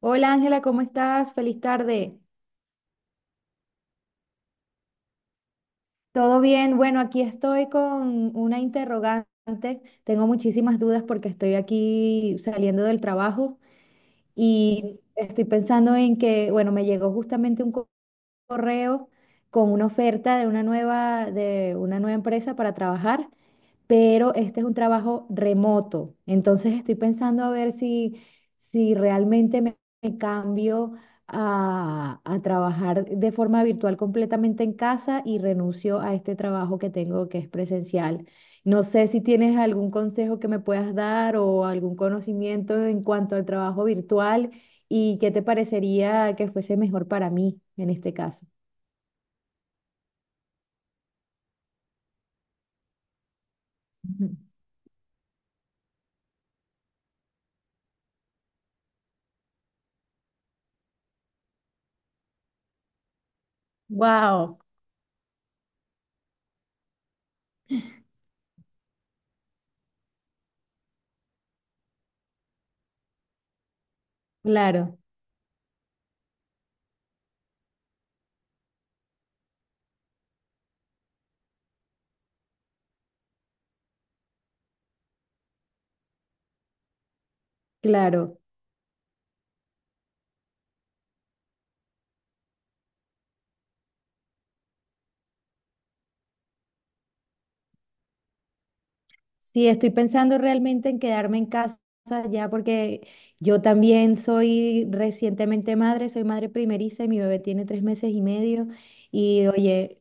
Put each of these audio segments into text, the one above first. Hola Ángela, ¿cómo estás? Feliz tarde. ¿Todo bien? Bueno, aquí estoy con una interrogante. Tengo muchísimas dudas porque estoy aquí saliendo del trabajo y estoy pensando en que, bueno, me llegó justamente un correo con una oferta de una nueva empresa para trabajar, pero este es un trabajo remoto. Entonces estoy pensando a ver si realmente me cambio a trabajar de forma virtual completamente en casa y renuncio a este trabajo que tengo que es presencial. No sé si tienes algún consejo que me puedas dar o algún conocimiento en cuanto al trabajo virtual y qué te parecería que fuese mejor para mí en este caso. Wow, claro, claro. Sí, estoy pensando realmente en quedarme en casa ya porque yo también soy recientemente madre, soy madre primeriza y mi bebé tiene 3 meses y medio. Y oye,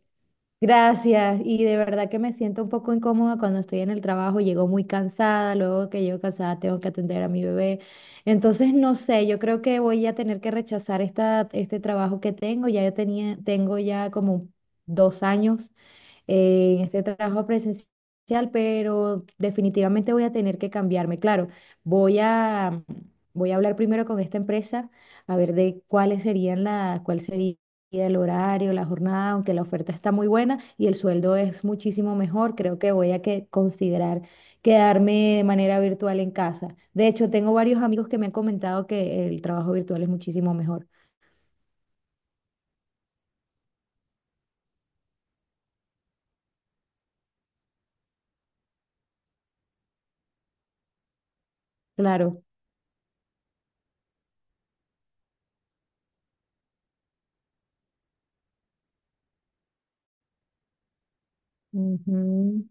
gracias. Y de verdad que me siento un poco incómoda cuando estoy en el trabajo, llego muy cansada, luego que llego cansada tengo que atender a mi bebé. Entonces, no sé, yo creo que voy a tener que rechazar este trabajo que tengo. Ya yo tenía, tengo ya como 2 años en este trabajo presencial, pero definitivamente voy a tener que cambiarme. Claro, voy a, voy a hablar primero con esta empresa a ver de cuáles serían la, cuál sería el horario, la jornada, aunque la oferta está muy buena y el sueldo es muchísimo mejor, creo que voy a que considerar quedarme de manera virtual en casa. De hecho, tengo varios amigos que me han comentado que el trabajo virtual es muchísimo mejor. Claro. Ujú.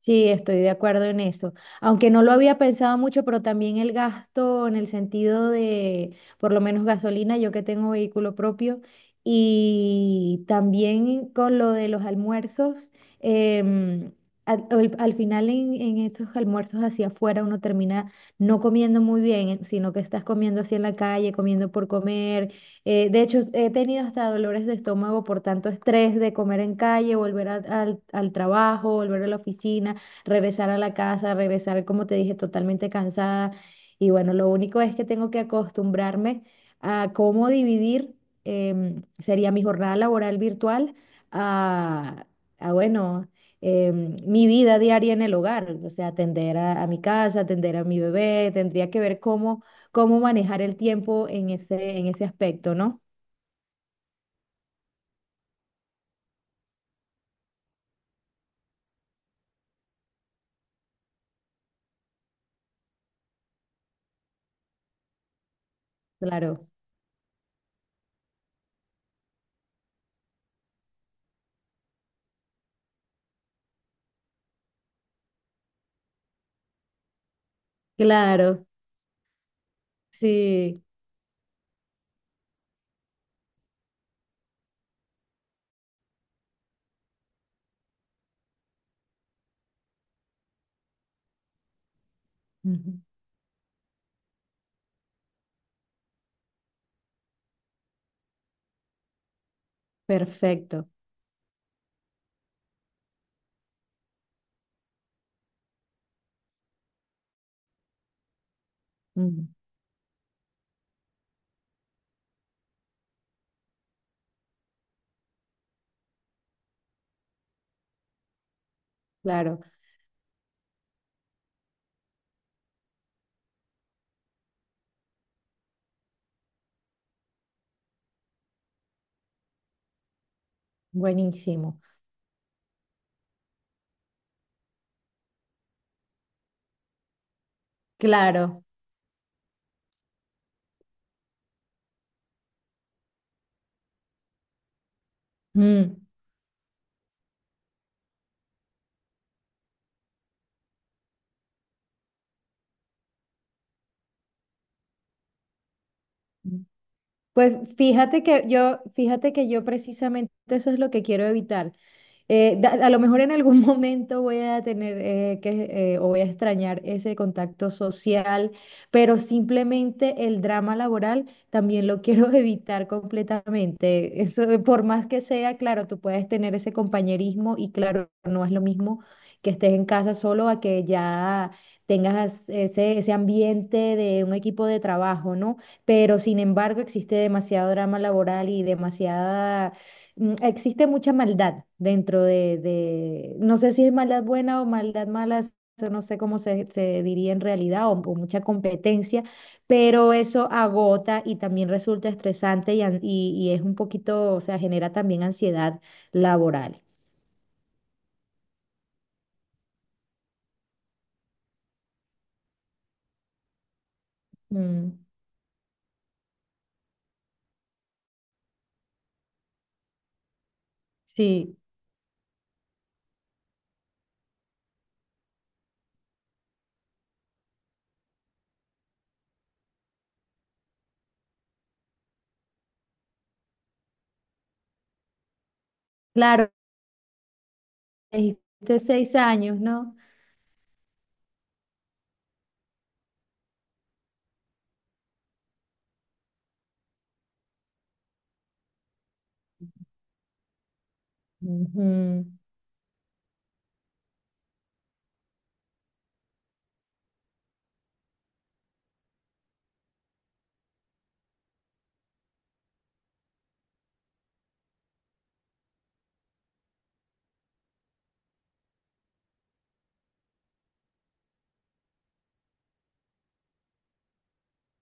Sí, estoy de acuerdo en eso. Aunque no lo había pensado mucho, pero también el gasto en el sentido de, por lo menos gasolina, yo que tengo vehículo propio, y también con lo de los almuerzos, em, al final en esos almuerzos hacia afuera uno termina no comiendo muy bien, sino que estás comiendo así en la calle, comiendo por comer. De hecho, he tenido hasta dolores de estómago por tanto estrés de comer en calle, volver al trabajo, volver a la oficina, regresar a la casa, regresar, como te dije, totalmente cansada. Y bueno, lo único es que tengo que acostumbrarme a cómo dividir, sería mi jornada laboral virtual a, a bueno, mi vida diaria en el hogar, o sea, atender a mi casa, atender a mi bebé, tendría que ver cómo manejar el tiempo en ese aspecto, ¿no? Claro, claro, sí, ujú, perfecto, ujú, claro, buenísimo, claro. Mm, mm. Pues fíjate que yo precisamente eso es lo que quiero evitar. A lo mejor en algún momento voy a tener o voy a extrañar ese contacto social, pero simplemente el drama laboral también lo quiero evitar completamente. Eso, por más que sea, claro, tú puedes tener ese compañerismo y claro, no es lo mismo que estés en casa solo a que ya tengas ese, ese ambiente de un equipo de trabajo, ¿no? Pero sin embargo, existe demasiado drama laboral y existe mucha maldad dentro de no sé si es maldad buena o maldad mala, eso no sé cómo se diría en realidad, o mucha competencia, pero eso agota y también resulta estresante y es un poquito, o sea, genera también ansiedad laboral. Mm, sí, claro, dijiste 6 años, ¿no? Ujú.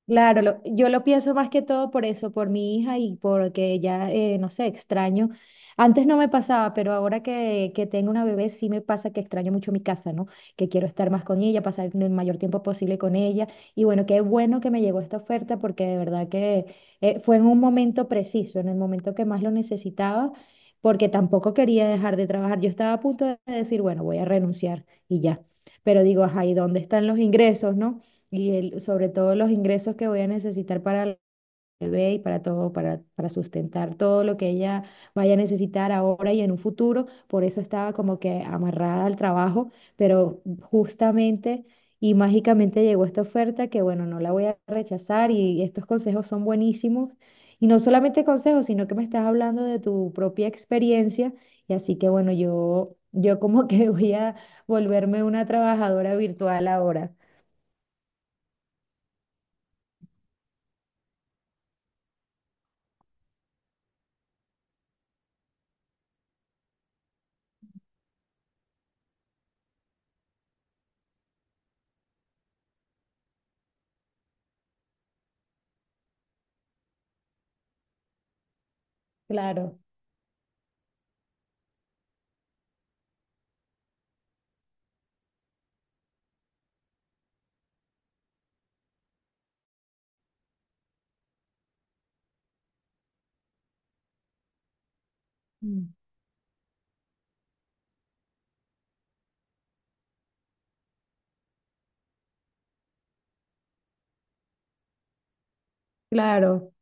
Claro, lo- yo lo pienso más que todo por eso, por mi hija y porque ya, no sé, extraño. Antes no me pasaba, pero ahora que tengo una bebé sí me pasa que extraño mucho mi casa, ¿no? Que quiero estar más con ella, pasar el mayor tiempo posible con ella. Y bueno, qué bueno que me llegó esta oferta porque de verdad que fue en un momento preciso, en el momento que más lo necesitaba, porque tampoco quería dejar de trabajar. Yo estaba a punto de decir, bueno, voy a renunciar y ya. Pero digo, ajá, ¿y dónde están los ingresos, no? Y el, sobre todo los ingresos que voy a necesitar para el bebé y para todo, para sustentar todo lo que ella vaya a necesitar ahora y en un futuro. Por eso estaba como que amarrada al trabajo, pero justamente y mágicamente llegó esta oferta que bueno, no la voy a rechazar y estos consejos son buenísimos. Y no solamente consejos, sino que me estás hablando de tu propia experiencia. Y así que bueno, yo como que voy a volverme una trabajadora virtual ahora. Claro. Claro,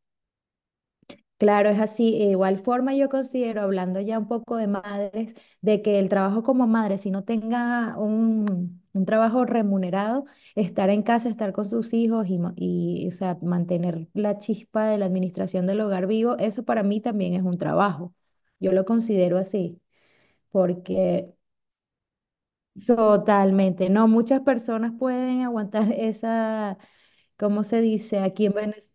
claro, es así. E igual forma yo considero, hablando ya un poco de madres, de que el trabajo como madre, si no tenga un trabajo remunerado, estar en casa, estar con sus hijos y, o sea, mantener la chispa de la administración del hogar vivo, eso para mí también es un trabajo. Yo lo considero así, porque totalmente, no, muchas personas pueden aguantar esa, ¿cómo se dice aquí en Venezuela?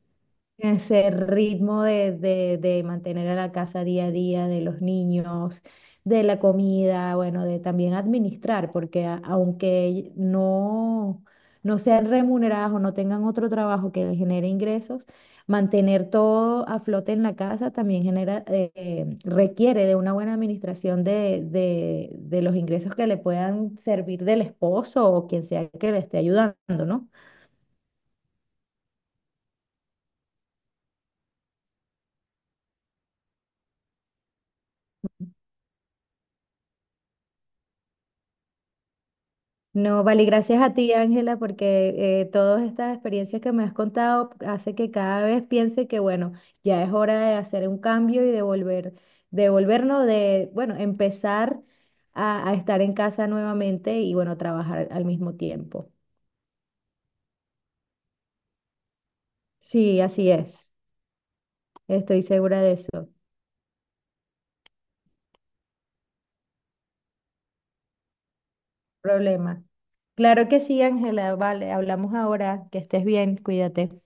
Ese ritmo de mantener a la casa día a día, de los niños, de la comida, bueno, de también administrar, porque aunque no sean remuneradas o no tengan otro trabajo que les genere ingresos, mantener todo a flote en la casa también genera, requiere de una buena administración de los ingresos que le puedan servir del esposo o quien sea que le esté ayudando, ¿no? No, vale, gracias a ti, Ángela, porque todas estas experiencias que me has contado hace que cada vez piense que, bueno, ya es hora de hacer un cambio y de volver, de volvernos, bueno, empezar a estar en casa nuevamente y, bueno, trabajar al mismo tiempo. Sí, así es. Estoy segura de eso. Problema. Claro que sí, Ángela, vale, hablamos ahora. Que estés bien, cuídate.